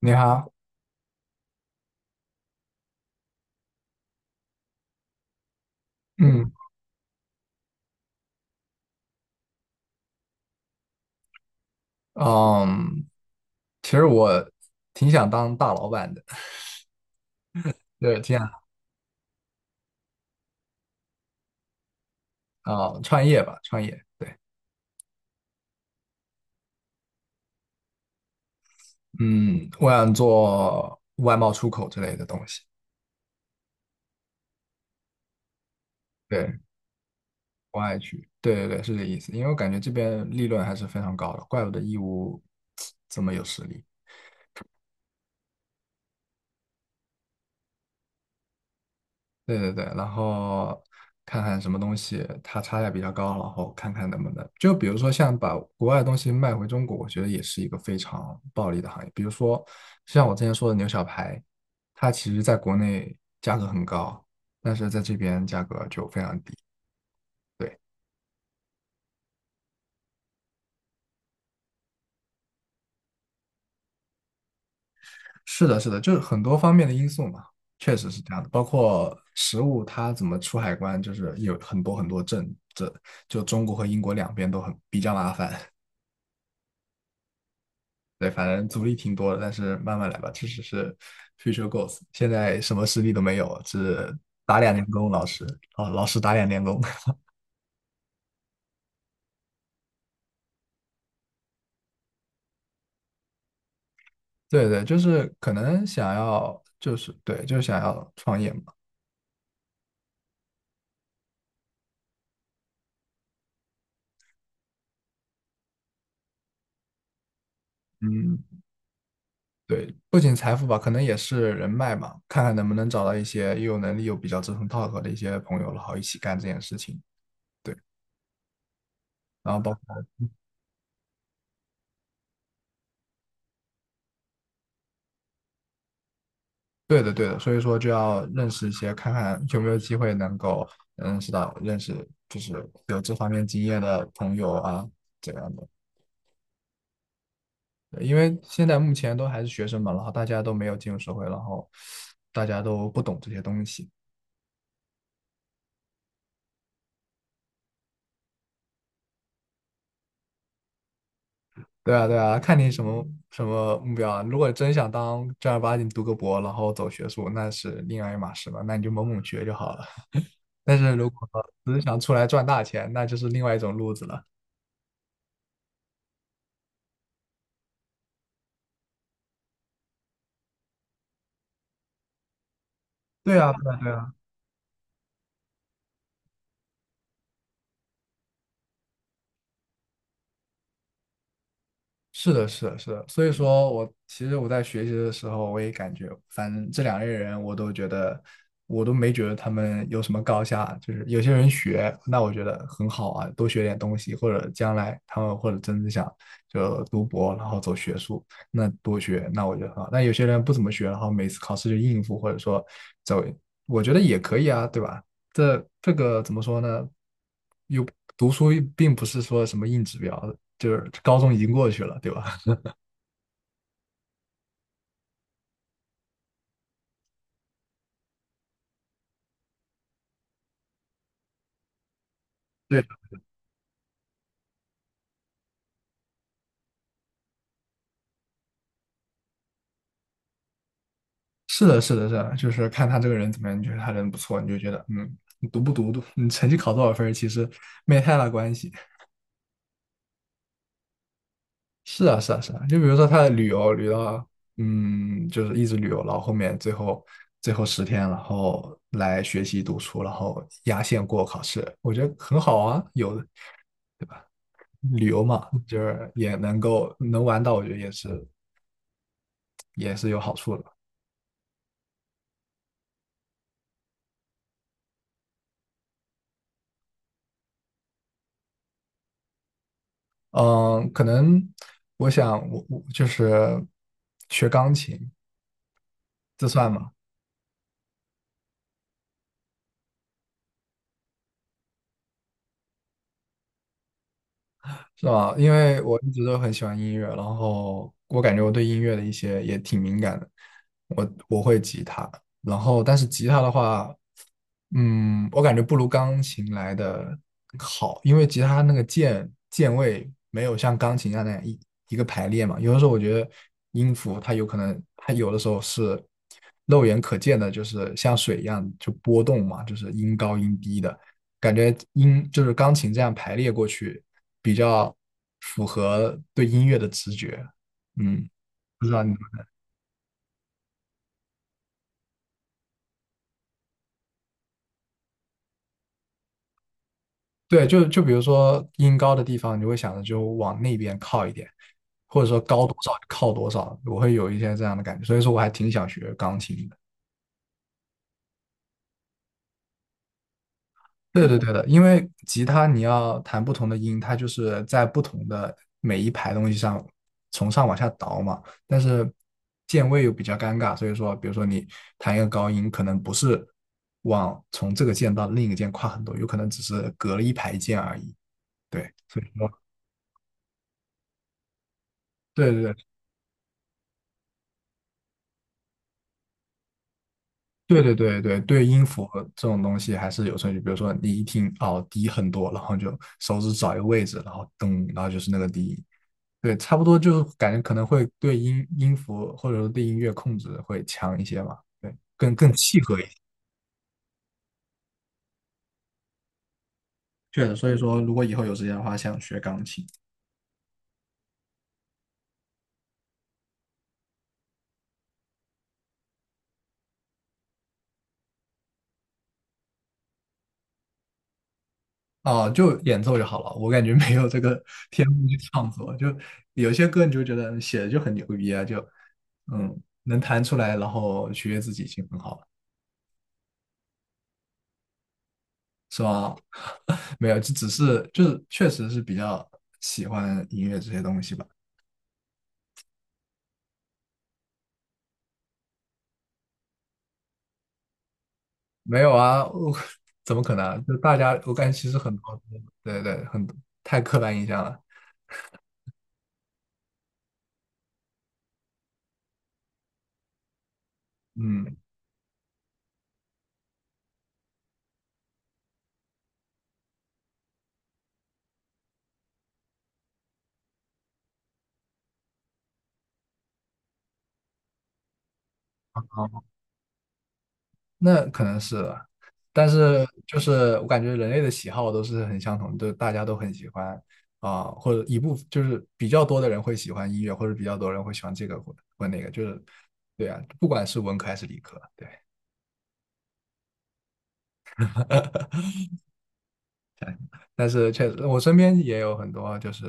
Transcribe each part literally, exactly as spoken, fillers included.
你好。嗯嗯，其实我挺想当大老板的，对，这样啊。创业吧，创业，对。嗯，我想做外贸出口之类的东西。对，国外去，对对对，是这意思。因为我感觉这边利润还是非常高的，怪不得义乌 这么有实力。对对对，然后看看什么东西它差价比较高，然后看看能不能，就比如说像把国外的东西卖回中国，我觉得也是一个非常暴利的行业。比如说像我之前说的牛小排，它其实在国内价格很高，但是在这边价格就非常低。对。是的，是的，就是很多方面的因素嘛，确实是这样的。包括食物它怎么出海关，就是有很多很多证，这就中国和英国两边都很比较麻烦。对，反正阻力挺多的，但是慢慢来吧，这只是 future goals。现在什么实力都没有，只打两年工，老师。哦，老师打两年工。对对，就是可能想要，就是对，就是想要创业嘛。嗯，对，不仅财富吧，可能也是人脉嘛，看看能不能找到一些又有能力又比较志同道合的一些朋友，然后一起干这件事情。对，然后包。对的，对的，所以说就要认识一些，看看有没有机会能够认识到认识就是有这方面经验的朋友啊，这样的。对，因为现在目前都还是学生嘛，然后大家都没有进入社会，然后大家都不懂这些东西。对啊，对啊，看你什么什么目标啊。如果真想当正儿八经读个博，然后走学术，那是另外一码事了，那你就猛猛学就好了。但是如果只是想出来赚大钱，那就是另外一种路子了。对啊，对啊，对啊。是的，是的，是的，所以说我其实我在学习的时候，我也感觉，反正这两类人，我都觉得，我都没觉得他们有什么高下。就是有些人学，那我觉得很好啊，多学点东西，或者将来他们或者真的想就读博，然后走学术，那多学，那我觉得很好。但有些人不怎么学，然后每次考试就应付，或者说走，我觉得也可以啊，对吧？这这个怎么说呢？又读书又并不是说什么硬指标，就是高中已经过去了，对吧？对，是的，是的，是的，就是看他这个人怎么样，你觉得他人不错，你就觉得，嗯，你读不读，读你成绩考多少分儿其实没太大关系。是啊，是啊，是啊，就比如说他的旅游，旅到，嗯，就是一直旅游，然后后面最后最后十天，然后来学习读书，然后压线过考试，我觉得很好啊，有的。旅游嘛，就是也能够能玩到，我觉得也是也是有好处的。嗯，可能我想我我就是学钢琴，这算吗？是吧？因为我一直都很喜欢音乐，然后我感觉我对音乐的一些也挺敏感的。我我会吉他，然后但是吉他的话，嗯，我感觉不如钢琴来的好，因为吉他那个键键位没有像钢琴一样那样一一个排列嘛。有的时候我觉得音符它有可能，它有的时候是肉眼可见的，就是像水一样就波动嘛，就是音高音低的。感觉音就是钢琴这样排列过去，比较符合对音乐的直觉。嗯，不知道你对，就就比如说音高的地方，你就会想着就往那边靠一点，或者说高多少靠多少，我会有一些这样的感觉。所以说，我还挺想学钢琴的。对的，对的，因为吉他你要弹不同的音，它就是在不同的每一排东西上从上往下倒嘛。但是键位又比较尴尬，所以说，比如说你弹一个高音，可能不是往从这个键到另一个键跨很多，有可能只是隔了一排键而已。对，所以说，对对对对对对对对，音符这种东西还是有顺序。比如说你一听哦低很多，然后就手指找一个位置，然后咚，然后就是那个低音。对，差不多就感觉可能会对音音符或者说对音乐控制会强一些嘛，对，更更契合一些。确实，所以说如果以后有时间的话，想学钢琴。哦，就演奏就好了，我感觉没有这个 天赋去创作，就有些歌你就觉得写的就很牛逼啊，就嗯能弹出来，然后取悦自己已经很好了。是吧？没有，就只是就是确实是比较喜欢音乐这些东西吧。没有啊，我怎么可能啊就大家，我感觉其实很多，对对，很多太刻板印象了。嗯，好，那可能是了。但是就是我感觉人类的喜好都是很相同的，就大家都很喜欢啊、或者一部就是比较多的人会喜欢音乐，或者比较多人会喜欢这个或或那个，就是对啊，不管是文科还是理科，对。但是确实，我身边也有很多，就是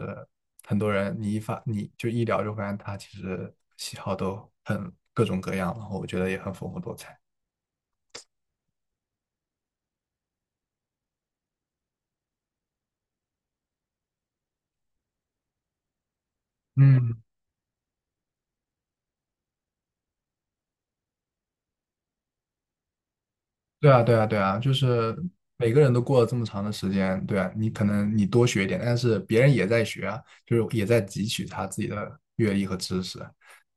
很多人，你一发你就一聊就发现他其实喜好都很各种各样，然后我觉得也很丰富多彩。嗯，对啊，对啊，对啊，就是每个人都过了这么长的时间，对啊，你可能你多学一点，但是别人也在学啊，就是也在汲取他自己的阅历和知识，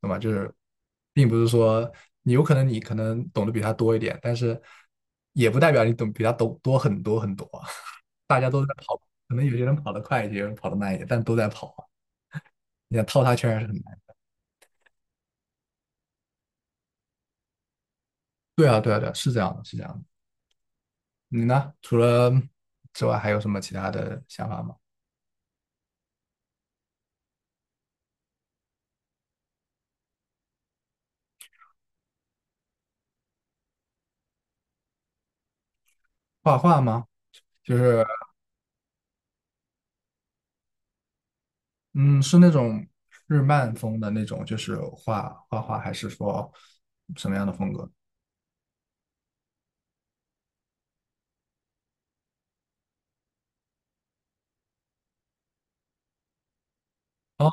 懂吗？就是并不是说你有可能你可能懂得比他多一点，但是也不代表你懂比他懂多很多很多啊。大家都在跑，可能有些人跑得快一些，有人跑得慢一些，但都在跑啊。你想套他圈还是很难。对啊，对啊，对啊，是这样的，是这样的。你呢？除了之外，还有什么其他的想法吗？画画吗？就是嗯，是那种日漫风的那种，就是画画画，还是说什么样的风格？哦，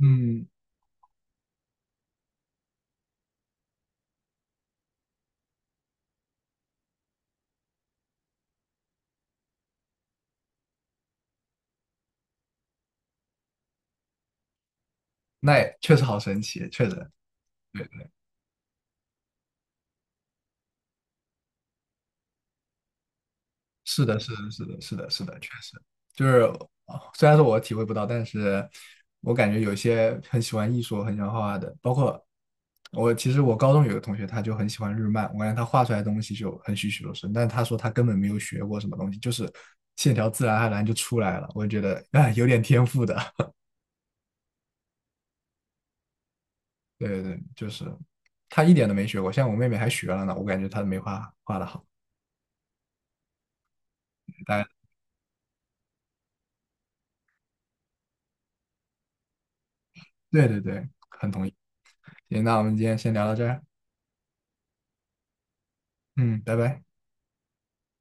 嗯，那也确实好神奇，确实。对对。是的，是的，是的，是的，是的，确实，就是啊虽然说我体会不到，但是我感觉有些很喜欢艺术、很喜欢画画的，包括我，其实我高中有个同学，他就很喜欢日漫，我感觉他画出来的东西就很栩栩如生，但是他说他根本没有学过什么东西，就是线条自然而然就出来了，我就觉得啊、哎有点天赋的。对对对，就是他一点都没学过，像我妹妹还学了呢，我感觉她没画画的好。大家对对对，很同意。行，那我们今天先聊到这儿。嗯，拜拜。